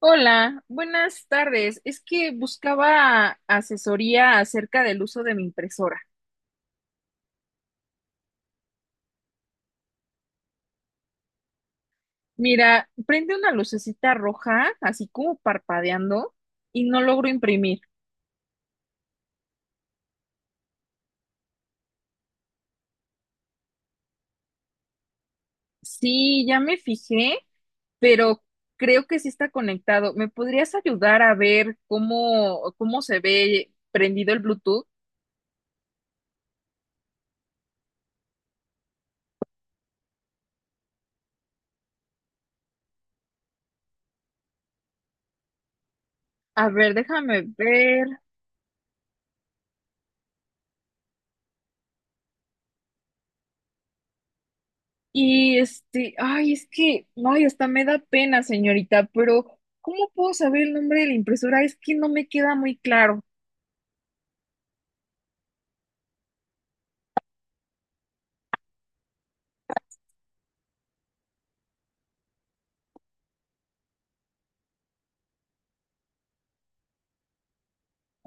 Hola, buenas tardes. Es que buscaba asesoría acerca del uso de mi impresora. Mira, prende una lucecita roja, así como parpadeando, y no logro imprimir. Sí, ya me fijé, pero creo que sí está conectado. ¿Me podrías ayudar a ver cómo se ve prendido el Bluetooth? A ver, déjame ver. Y este, ay, es que, ay, hasta me da pena, señorita, pero ¿cómo puedo saber el nombre de la impresora? Es que no me queda muy claro.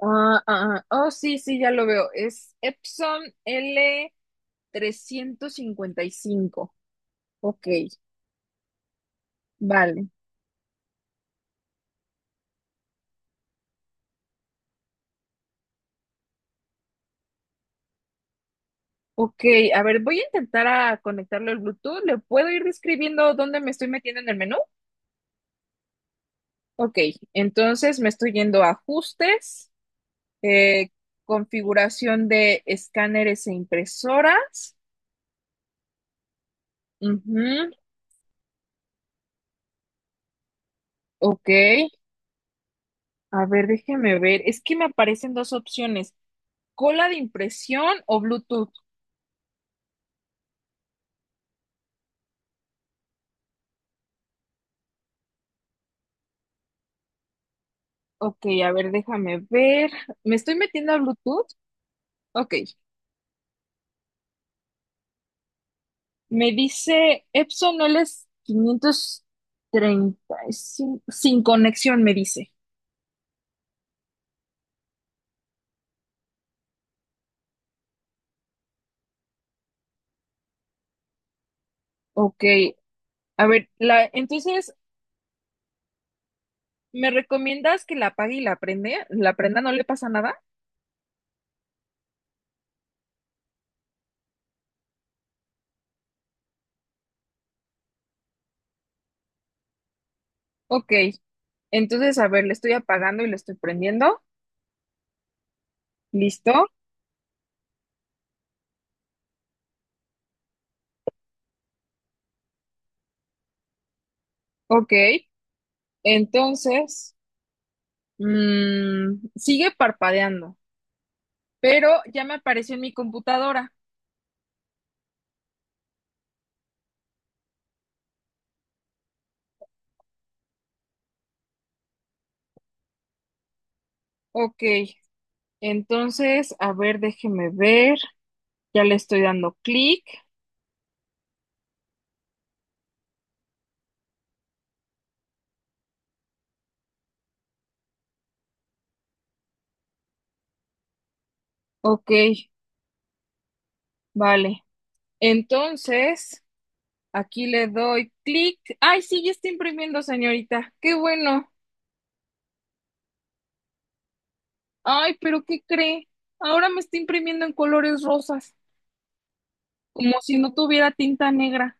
Ah, ah, ah, oh, sí, sí, ya lo veo. Es Epson L355. Ok, vale. Ok, a ver, voy a intentar a conectarlo al Bluetooth. ¿Le puedo ir describiendo dónde me estoy metiendo en el menú? Ok, entonces me estoy yendo a ajustes, eh, configuración de escáneres e impresoras. Ujú, ok, a ver, déjeme ver. Es que me aparecen dos opciones, cola de impresión o Bluetooth. Ok, a ver, déjame ver. ¿Me estoy metiendo a Bluetooth? Ok, me dice Epson LS535 sin conexión, me dice. Ok, a ver, la, entonces, ¿me recomiendas que la apague y la prende? ¿La prenda no le pasa nada? Ok, entonces, a ver, le estoy apagando y le estoy prendiendo. ¿Listo? Ok. Entonces, mm, sigue parpadeando, pero ya me apareció en mi computadora. Ok, entonces, a ver, déjeme ver. Ya le estoy dando clic. Ok, vale. Entonces, aquí le doy clic. Ay, sí, ya está imprimiendo, señorita. Qué bueno. Ay, pero ¿qué cree? Ahora me está imprimiendo en colores rosas, como si no tuviera tinta negra.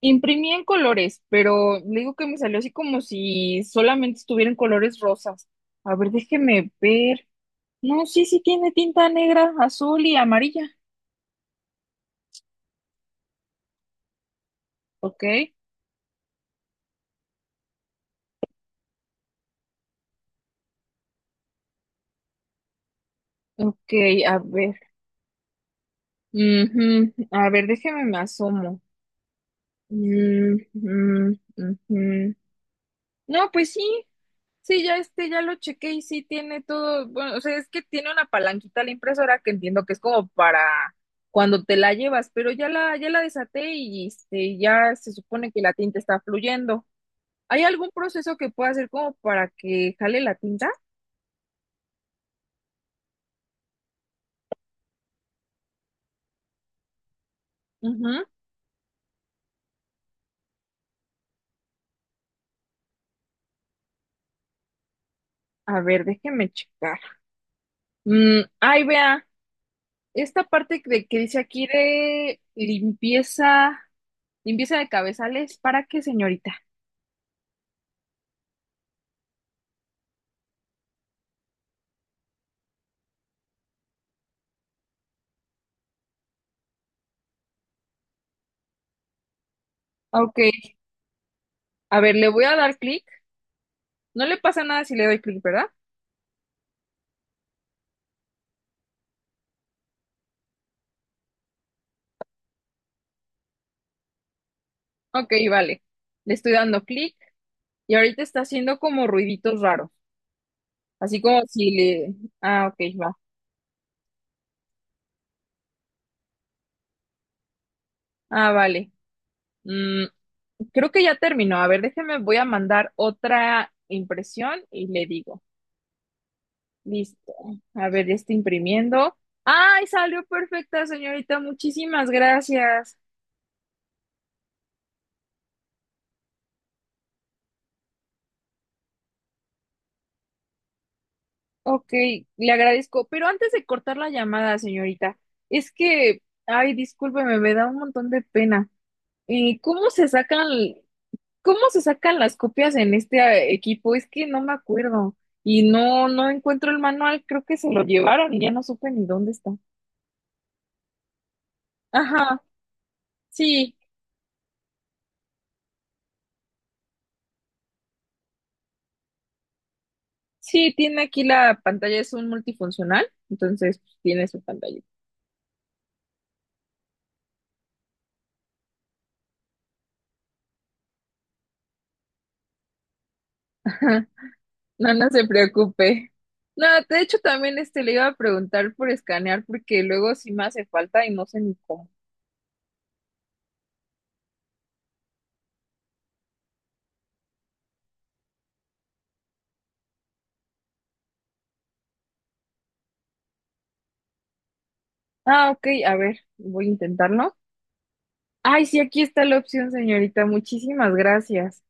Imprimí en colores, pero le digo que me salió así como si solamente estuvieran colores rosas. A ver, déjeme ver. No, sí, sí tiene tinta negra, azul y amarilla. Ok, ok, a ver. Ujú, a ver, déjeme me asomo. Mm, mm, ujú. No, pues sí, sí, ya este, ya lo chequé y sí tiene todo, bueno, o sea, es que tiene una palanquita la impresora que entiendo que es como para cuando te la llevas, pero ya la desaté y este, ya se supone que la tinta está fluyendo. ¿Hay algún proceso que pueda hacer como para que jale la tinta? Ujú. A ver, déjeme checar. Mm, ay, vea, esta parte de, que dice aquí de limpieza, limpieza de cabezales, ¿para qué, señorita? Ok, a ver, le voy a dar clic. No le pasa nada si le doy clic, ¿verdad? Ok, vale. Le estoy dando clic y ahorita está haciendo como ruiditos raros. Así como si le... Ah, ok, va. Ah, vale. Mm, creo que ya terminó. A ver, déjeme, voy a mandar otra impresión y le digo. Listo. A ver, ya está imprimiendo. ¡Ay, salió perfecta, señorita! Muchísimas gracias. Ok, le agradezco. Pero antes de cortar la llamada, señorita, es que... Ay, discúlpeme, me da un montón de pena. ¿Cómo se sacan? ¿Cómo se sacan las copias en este equipo? Es que no me acuerdo. Y no, no encuentro el manual, creo que se lo llevaron y ya no supe ni dónde está. Ajá, sí, sí, tiene aquí la pantalla, es un multifuncional, entonces pues, tiene su pantalla. No, no se preocupe. No, de hecho también este le iba a preguntar por escanear porque luego sí me hace falta y no sé ni cómo. Ah, ok, a ver, voy a intentarlo. Ay, sí, aquí está la opción, señorita. Muchísimas gracias.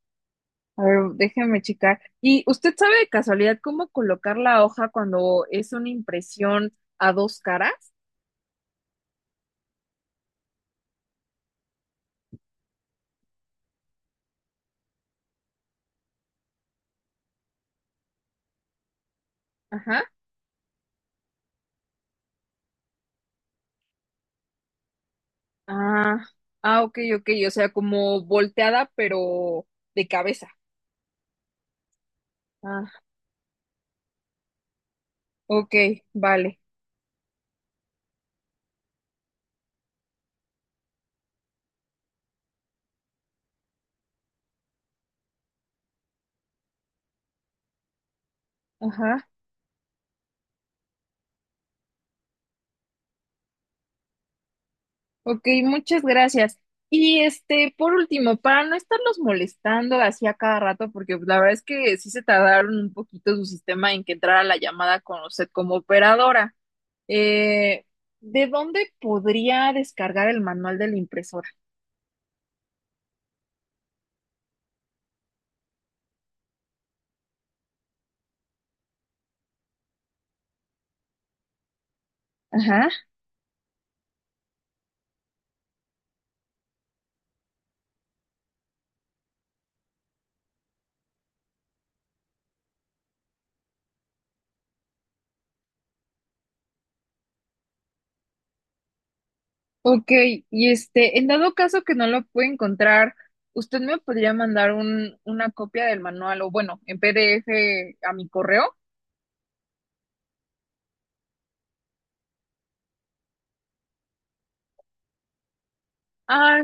A ver, déjeme checar. ¿Y usted sabe de casualidad cómo colocar la hoja cuando es una impresión a dos caras? Ajá. Ah, ah, ok, ok. O sea, como volteada, pero de cabeza. Ah, ok, vale. Ajá. Ok, muchas gracias. Y este, por último, para no estarlos molestando así a cada rato, porque pues, la verdad es que sí se tardaron un poquito su sistema en que entrara la llamada con usted como operadora. Eh, ¿De dónde podría descargar el manual de la impresora? Ajá. Ok, y este, en dado caso que no lo pueda encontrar, ¿usted me podría mandar un, una copia del manual o bueno, en PDF a mi correo? Ah,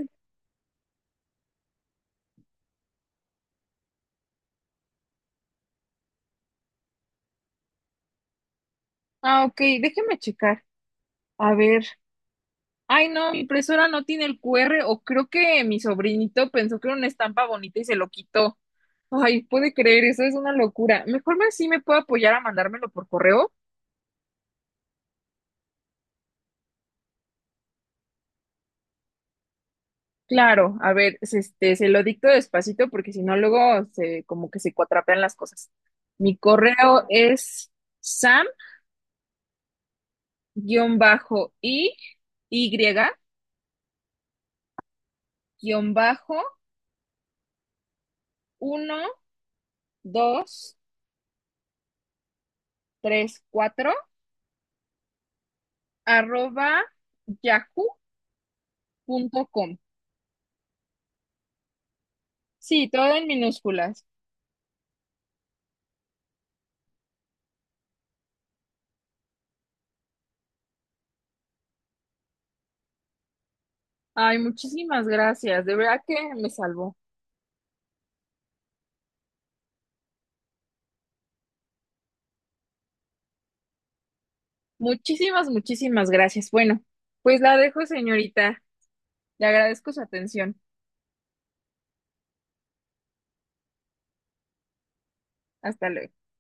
ah, ok, déjeme checar. A ver. Ay, no, mi impresora no tiene el QR o creo que mi sobrinito pensó que era una estampa bonita y se lo quitó. Ay, puede creer, eso es una locura. Mejor me sí me puedo apoyar a mandármelo por correo. Claro, a ver, se- este, se lo dicto despacito porque si no luego se como que se cuatrapean las cosas. Mi correo es sam-i y-1 2 3 4 arroba yahoo.com. Sí, todo en minúsculas. Ay, muchísimas gracias. De verdad que me salvó. Muchísimas, muchísimas gracias. Bueno, pues la dejo, señorita. Le agradezco su atención. Hasta luego.